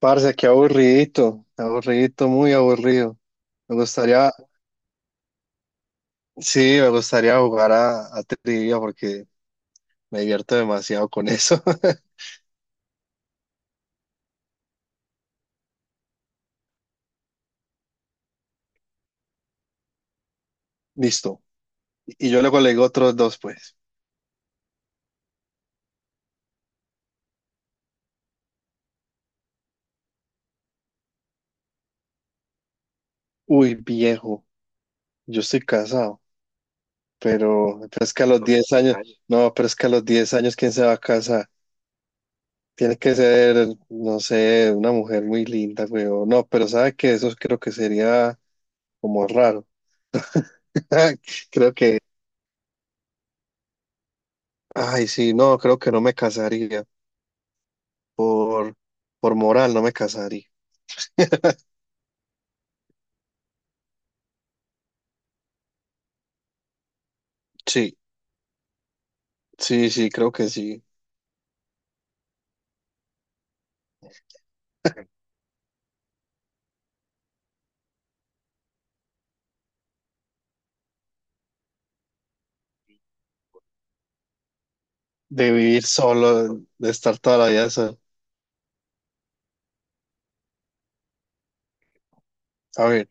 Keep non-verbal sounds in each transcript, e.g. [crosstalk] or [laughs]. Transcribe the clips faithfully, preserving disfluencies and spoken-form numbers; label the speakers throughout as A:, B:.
A: Parce, qué aburridito, aburridito, muy aburrido. Me gustaría, sí, me gustaría jugar a, a trivia porque me divierto demasiado con eso. [laughs] Listo. Y yo luego le digo otros dos, pues. Uy, viejo, yo estoy casado, pero, pero es que a los diez años, no, pero es que a los diez años, ¿quién se va a casar? Tiene que ser, no sé, una mujer muy linda, güey. O no, pero sabe que eso creo que sería como raro. [laughs] Creo que, ay, sí, no, creo que no me casaría. Por, por moral no me casaría. Sí, sí, sí, creo que sí. De vivir solo, de estar toda la vida solo. A ver,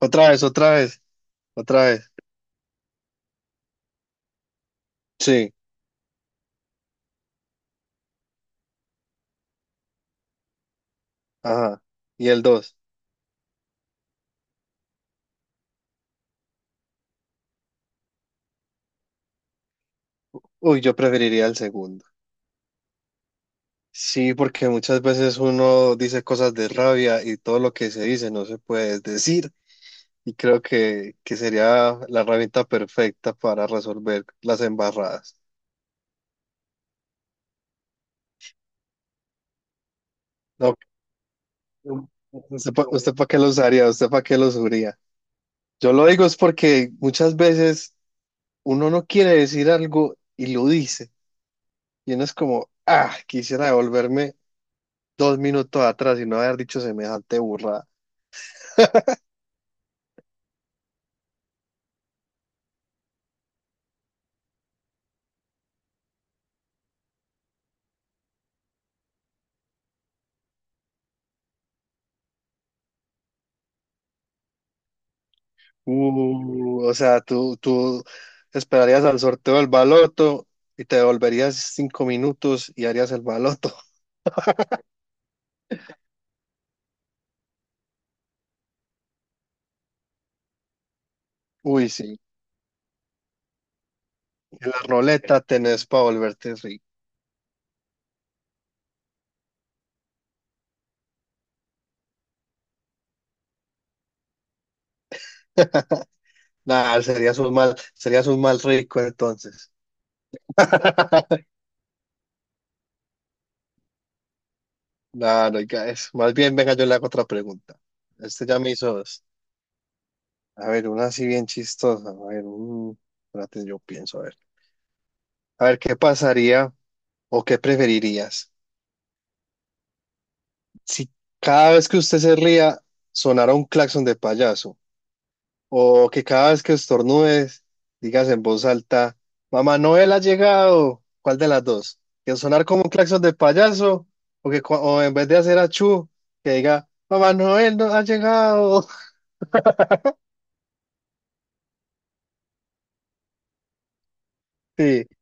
A: otra vez, otra vez, otra vez. Sí, ajá. Y el dos. Uy, yo preferiría el segundo. Sí, porque muchas veces uno dice cosas de rabia y todo lo que se dice no se puede decir. Y creo que, que sería la herramienta perfecta para resolver las embarradas. No, ¿usted para qué lo usaría? ¿Usted para qué lo usaría? Yo lo digo es porque muchas veces uno no quiere decir algo y lo dice. Y uno es como, ah, quisiera devolverme dos minutos atrás y no haber dicho semejante burrada. Uh, o sea, tú, tú esperarías al sorteo del baloto y te devolverías cinco minutos y harías el baloto. [laughs] Uy, sí. En la roleta tenés para volverte rico. Nada, serías un mal, serías un mal rico entonces. [laughs] Claro, oiga. Es. Más bien, venga, yo le hago otra pregunta. Este ya me hizo dos. A ver, una así bien chistosa. A ver, un... espérate, yo pienso, a ver. A ver, ¿qué pasaría o qué preferirías si cada vez que usted se ría sonara un claxon de payaso? O que cada vez que estornudes digas en voz alta, Mamá Noel ha llegado. ¿Cuál de las dos? ¿Que sonar como un claxon de payaso? O que cua- o en vez de hacer achú, que diga, Mamá Noel no ha llegado. [laughs] Sí.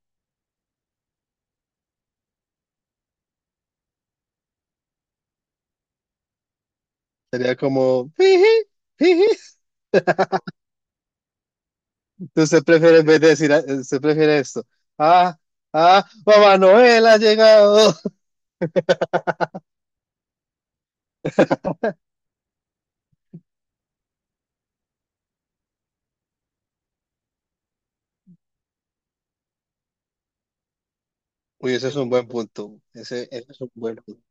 A: Sería como, "Jiji, jiji". Entonces prefiere, en vez de decir, ah, usted prefiere esto. Ah, ah, Mamá Noel ha llegado. Uy, ese es un buen punto. Ese, ese es un buen punto.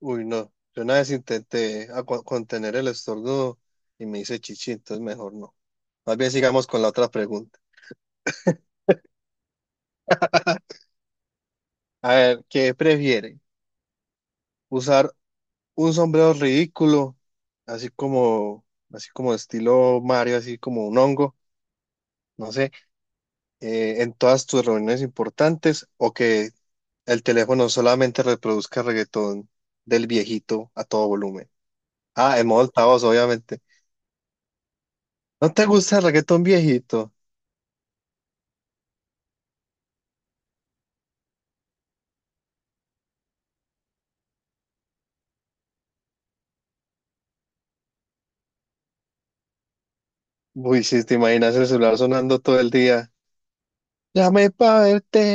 A: Uy, no. Yo una vez intenté a- co- contener el estornudo y me hice chichi, entonces mejor no. Más bien sigamos con la otra pregunta. A ver, ¿qué prefiere? ¿Usar un sombrero ridículo, así como, así como estilo Mario, así como un hongo? No sé. Eh, en todas tus reuniones importantes o que el teléfono solamente reproduzca reggaetón del viejito a todo volumen. Ah, en modo altavoz, obviamente. ¿No te gusta el reggaetón viejito? Uy, si te imaginas el celular sonando todo el día. Llame pa' verte.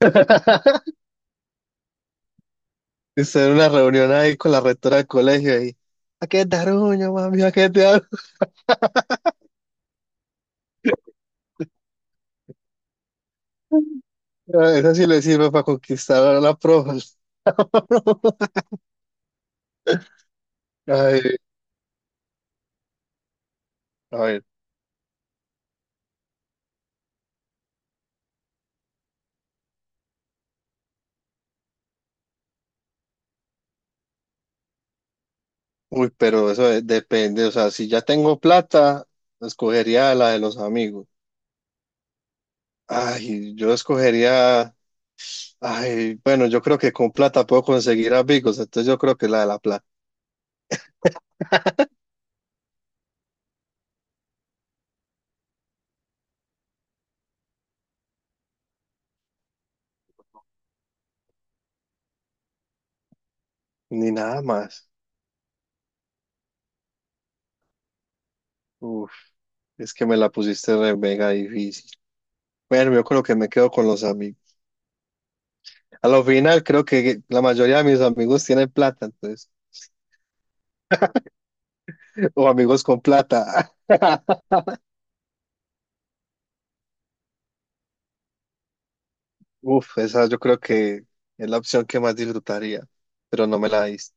A: [laughs] Estar en una reunión ahí con la rectora del colegio y ¿a qué te arruño, mami? ¿A qué te arruño? [laughs] Esa sí le sirve para conquistar a la profe. [laughs] Ay, a ver. Uy, pero eso de- depende, o sea, si ya tengo plata, escogería la de los amigos. Ay, yo escogería, ay, bueno, yo creo que con plata puedo conseguir amigos, entonces yo creo que la de la plata, ni nada más. Uf, es que me la pusiste re mega difícil. Bueno, yo creo que me quedo con los amigos. A lo final, creo que la mayoría de mis amigos tienen plata, entonces, [laughs] o amigos con plata. [laughs] Uf, esa yo creo que es la opción que más disfrutaría, pero no me la diste,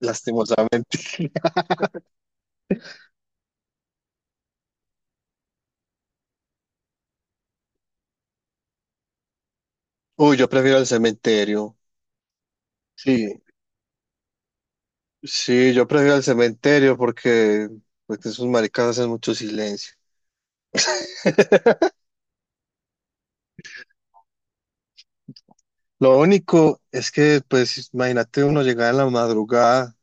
A: lastimosamente. Uy, yo prefiero el cementerio. Sí, sí, yo prefiero el cementerio porque, porque esos maricas hacen mucho silencio. [laughs] Lo único es que, pues, imagínate uno llegar en la madrugada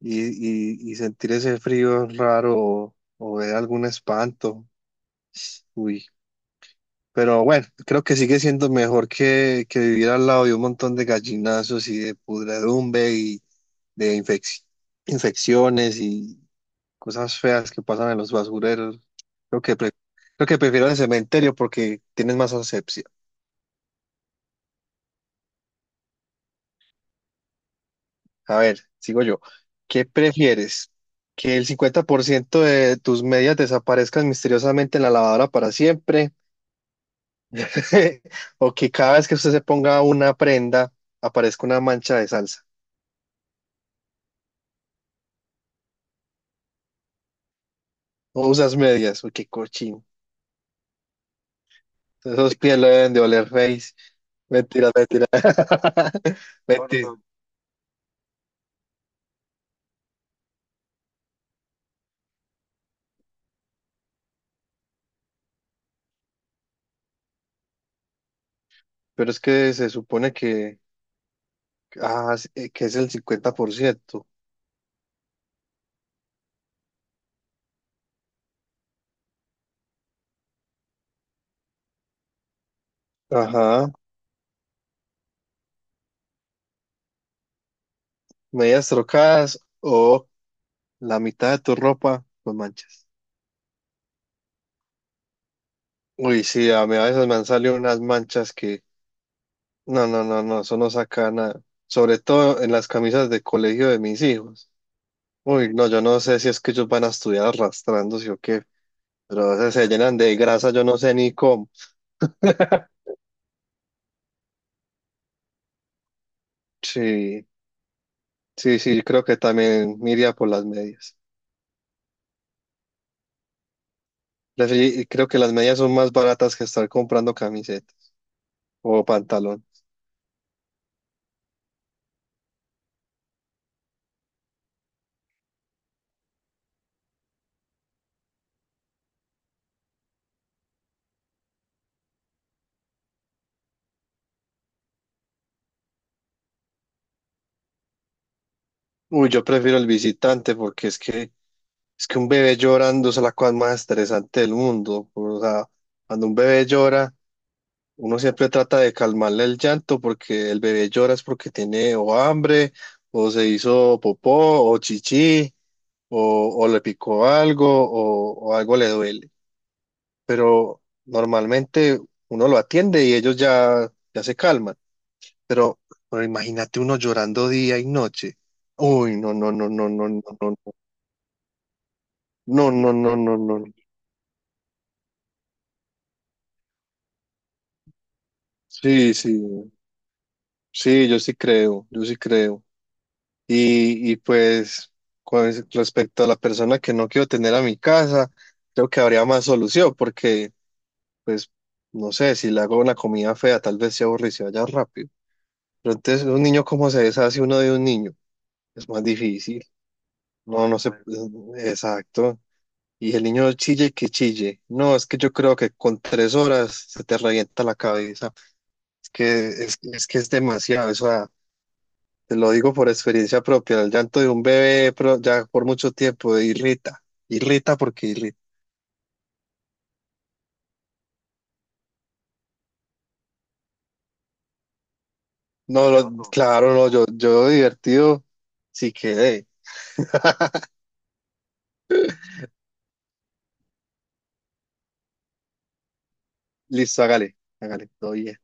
A: y, y- y sentir ese frío raro o, o ver algún espanto. Uy, pero bueno, creo que sigue siendo mejor que, que vivir al lado de un montón de gallinazos y de pudredumbre y de infec- infecciones, cosas feas que pasan en los basureros. Creo que, pre- creo que prefiero el cementerio porque tienes más asepsia. A ver, sigo yo. ¿Qué prefieres? ¿Que el cincuenta por ciento de tus medias desaparezcan misteriosamente en la lavadora para siempre? [laughs] ¿O que cada vez que usted se ponga una prenda aparezca una mancha de salsa? ¿O usas medias? Uy, qué cochino. Esos pies lo deben de oler face. Mentira, mentira. [laughs] Mentira. Pero es que se supone que, ah, sí, eh, que es el cincuenta por ciento. Ajá. Medias trocadas o la mitad de tu ropa con manchas. Uy, sí, a mí a veces me han salido unas manchas que... No, no, no, no, eso no saca nada. Sobre todo en las camisas de colegio de mis hijos. Uy, no, yo no sé si es que ellos van a estudiar arrastrándose o qué, pero a veces se llenan de grasa, yo no sé ni cómo. Sí, sí, sí, creo que también me iría por las medias. Prefi- Creo que las medias son más baratas que estar comprando camisetas o pantalón. Uy, yo prefiero el visitante porque es que es que un bebé llorando es la cosa más estresante del mundo. O sea, cuando un bebé llora, uno siempre trata de calmarle el llanto porque el bebé llora es porque tiene o hambre, o se hizo popó, o chichi, o, o le picó algo, o, o algo le duele. Pero normalmente uno lo atiende y ellos ya, ya se calman. Pero, pero imagínate uno llorando día y noche. Uy, no, no, no, no, no, no, no, no. No, no, no, no, no. Sí, sí, sí, yo sí creo, yo sí creo. Y, y pues con respecto a la persona que no quiero tener a mi casa, creo que habría más solución porque, pues, no sé, si le hago una comida fea, tal vez se aburre y se vaya rápido. Pero entonces, un niño, ¿cómo se deshace uno de un niño? Es más difícil. No, no sé, exacto. Y el niño chille que chille. No, es que yo creo que con tres horas se te revienta la cabeza. Es que es, es que es demasiado eso. Da Te lo digo por experiencia propia, el llanto de un bebé pro- ya por mucho tiempo irrita, irrita porque irrita. No, lo- claro, no, yo, yo divertido, sí quedé. Listo, hágale, hágale, todo bien.